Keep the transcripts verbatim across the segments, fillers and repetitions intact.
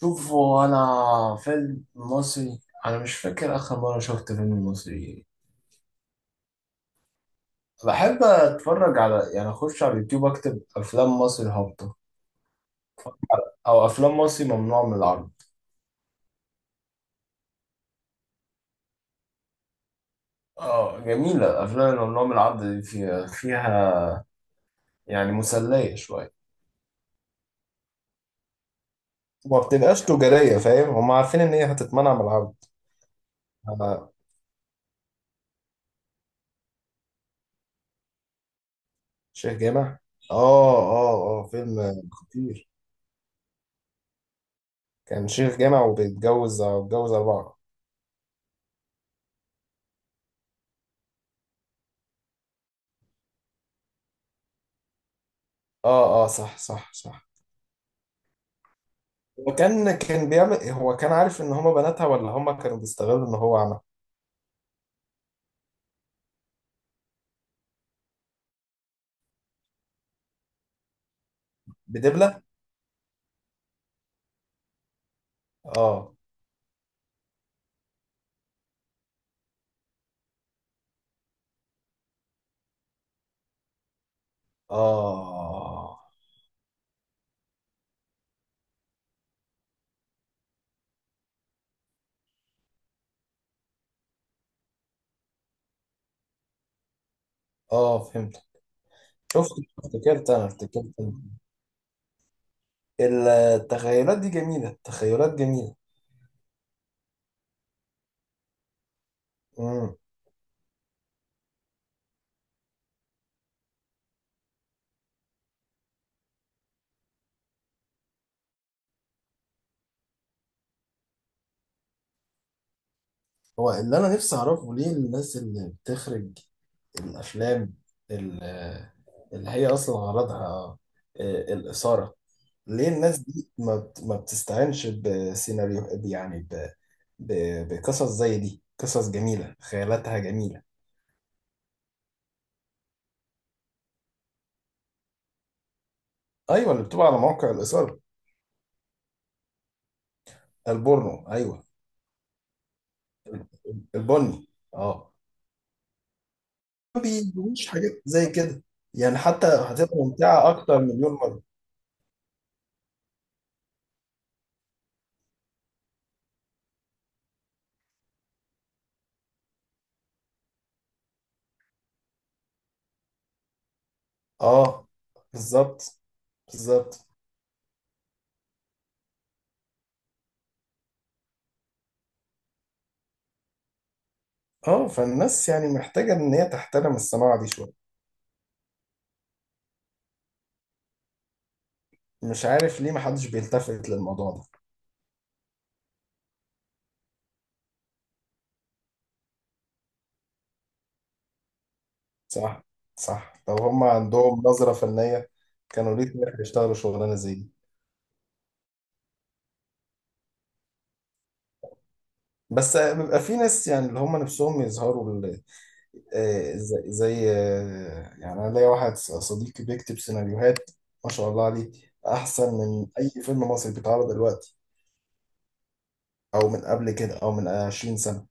شوفوا انا فيلم مصري. انا مش فاكر اخر مره شفت فيلم مصري. بحب اتفرج على، يعني اخش على اليوتيوب اكتب افلام مصري هابطه او افلام مصري ممنوع من العرض. اه، جميله الافلام اللي ممنوع من العرض دي، فيها فيها يعني مسليه شويه وما بتبقاش تجارية، فاهم؟ هم عارفين ان هي هتتمنع من العرض. على شيخ جامع. اه اه. اه فيلم خطير. كان شيخ جامع وبيتجوز، بيتجوز أربعة. اه اه، صح صح صح. هو كان كان بيعمل، هو كان عارف ان هما بناتها، ولا هما كانوا بيستغلوا ان هو عمل. بدبلة. اه اه. اه فهمت. شفت. افتكرت انا افتكرت أنا. التخيلات دي جميلة، التخيلات جميلة. مم. هو اللي انا نفسي اعرفه، ليه الناس اللي بتخرج الافلام ال- اللي هي اصلا غرضها آه، الاثاره، ليه الناس دي ما بت- ما بتستعينش بسيناريو، يعني ب- ب- بقصص زي دي؟ قصص جميله، خيالاتها جميله. ايوه اللي بتبقى على موقع الاثاره. البورنو ايوه. البني اه. ما بيجيبوش حاجات زي كده، يعني حتى هتبقى ممتعه اكتر مليون مره. اه، بالظبط. بالظبط. اه، فالناس يعني محتاجة ان هي تحترم الصناعة دي شوية. مش عارف ليه محدش بيلتفت للموضوع ده. صح. صح، لو هم عندهم نظرة فنية، كانوا ليه طلع يشتغلوا شغلانة زي دي؟ بس بيبقى في ناس يعني اللي هم نفسهم يظهروا بال- آه، زي زي آه، يعني انا ليا واحد صديقي بيكتب سيناريوهات، ما شاء الله عليه، احسن من اي فيلم مصري بيتعرض دلوقتي او من قبل كده او من عشرين سنة.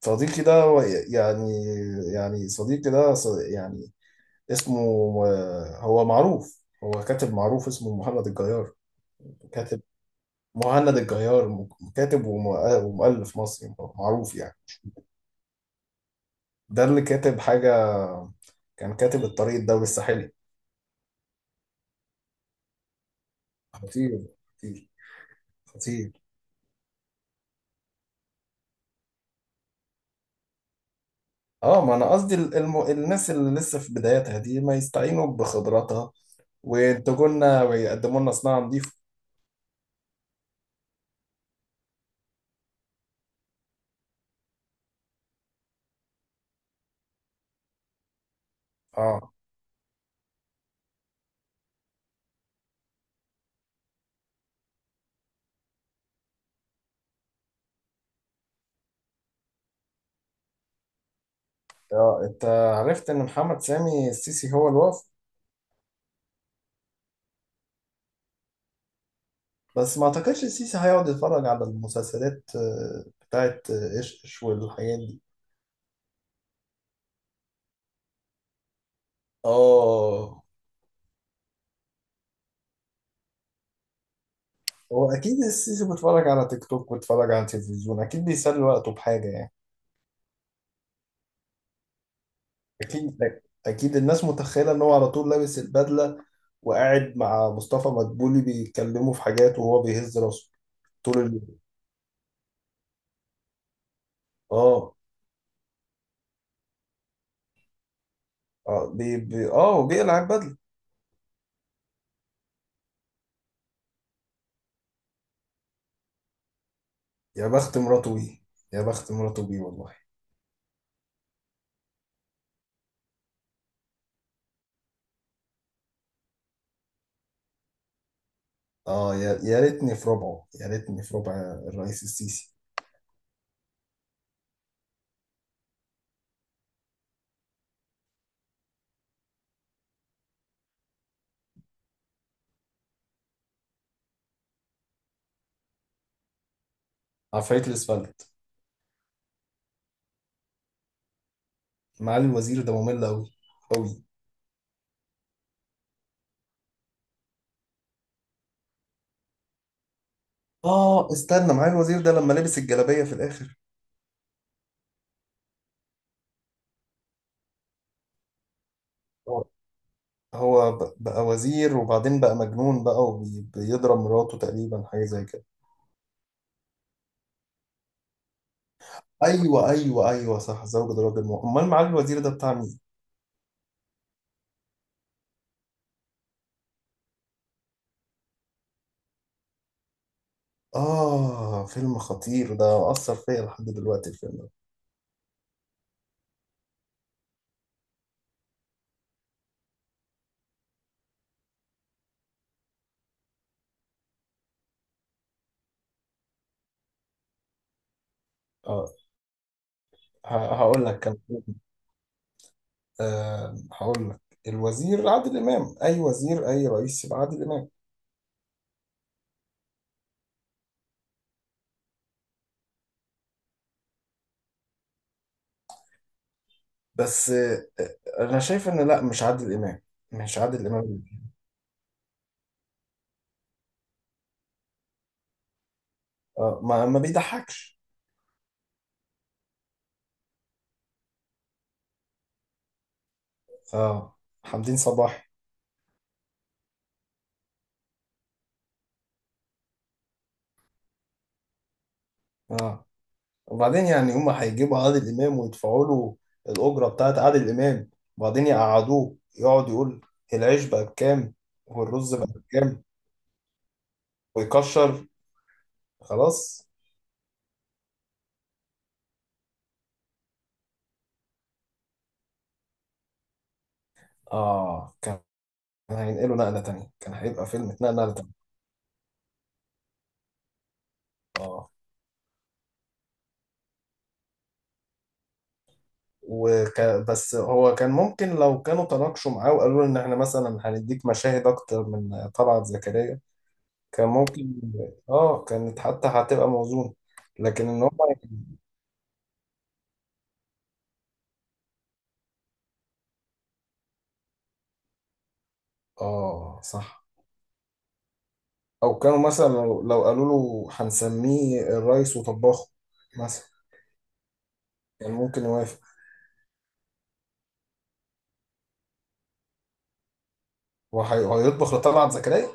صديقي ده هو يعني يعني صديقي ده ص- يعني اسمه، آه، هو معروف، هو كاتب معروف، اسمه مهند الجيار. كاتب. مهند الجيار، م- كاتب وم- ومؤلف مصري معروف يعني. ده اللي كاتب حاجة، كان كاتب الطريق الدولي الساحلي. خطير خطير خطير. اه ما انا قصدي، ال- الم... الناس اللي لسه في بداياتها دي ما يستعينوا بخبراتها وينتجوا لنا ويقدموا لنا صناعة نظيفة. اه اه. انت عرفت ان محمد سامي السيسي هو الوفد؟ بس ما اعتقدش السيسي هيقعد يتفرج على المسلسلات آه، بتاعت آه، ايش ايش والحاجات دي. اه، هو اكيد السيسي بيتفرج على تيك توك وبيتفرج على التلفزيون، اكيد بيسلي وقته بحاجه يعني. اكيد. اكيد الناس متخيله ان هو على طول لابس البدله وقاعد مع مصطفى مدبولي بيتكلموا في حاجات وهو بيهز راسه طول اليوم. اه اه، بي بي اه وبيقلع البدله. يا بخت مراته بيه. يا بخت مراته بيه والله. اه، يا يا ريتني في ربعه، يا ريتني في ربع الرئيس السيسي. عفاريت الاسفلت. معالي الوزير ده ممل قوي. قوي. اه استنى، معالي الوزير ده لما لبس الجلابية في الاخر. هو، هو ب- بقى وزير وبعدين بقى مجنون بقى وبيضرب مراته تقريبا، حاجة زي كده. ايوه ايوه ايوه صح، زوجة راجل مؤمن. امال معالي الوزير ده بتاع مين؟ اه، فيلم خطير ده، اثر فيا لحد دلوقتي الفيلم ده. اه ه- هقول لك، كان آه هقول لك الوزير عادل امام. اي وزير، اي رئيس، يبقى عادل امام. بس آه، انا شايف ان لا، مش عادل امام. مش عادل امام. اه ما، ما بيضحكش. اه، حمدين صباحي. اه وبعدين، يعني هما هيجيبوا عادل امام ويدفعوا له الاجره بتاعت عادل امام، وبعدين يقعدوه يقعد يقول العيش بقى بكام والرز بقى بكام ويكشر. خلاص. اه، كان هينقلوا نقله تانية، كان هيبقى فيلم اتنقل نقله تانية. اه وك... بس هو كان ممكن لو كانوا تناقشوا معاه وقالوا له ان احنا مثلا هنديك مشاهد اكتر من طلعت زكريا. كان ممكن. اه كانت حتى هتبقى موزون. لكن ان هم، اه صح. او كانوا مثلا لو, لو قالوا له هنسميه الريس وطباخه مثلا، كان ممكن يوافق. وهي- وهيطبخ لطلعت زكريا.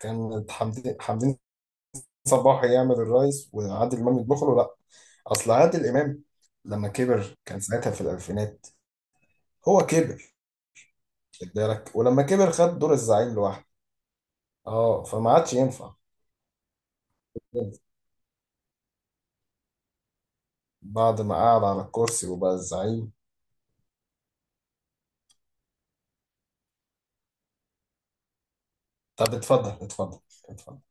كان حمدين حمدين صباح يعمل الريس وعادل امام يطبخ له، لا. اصل عادل امام لما كبر كان ساعتها في الالفينات. هو كبر. خد بالك، ولما كبر خد دور الزعيم لوحده. اه، فما عادش ينفع. بعد ما قعد على الكرسي وبقى الزعيم. طب اتفضل، اتفضل، اتفضل.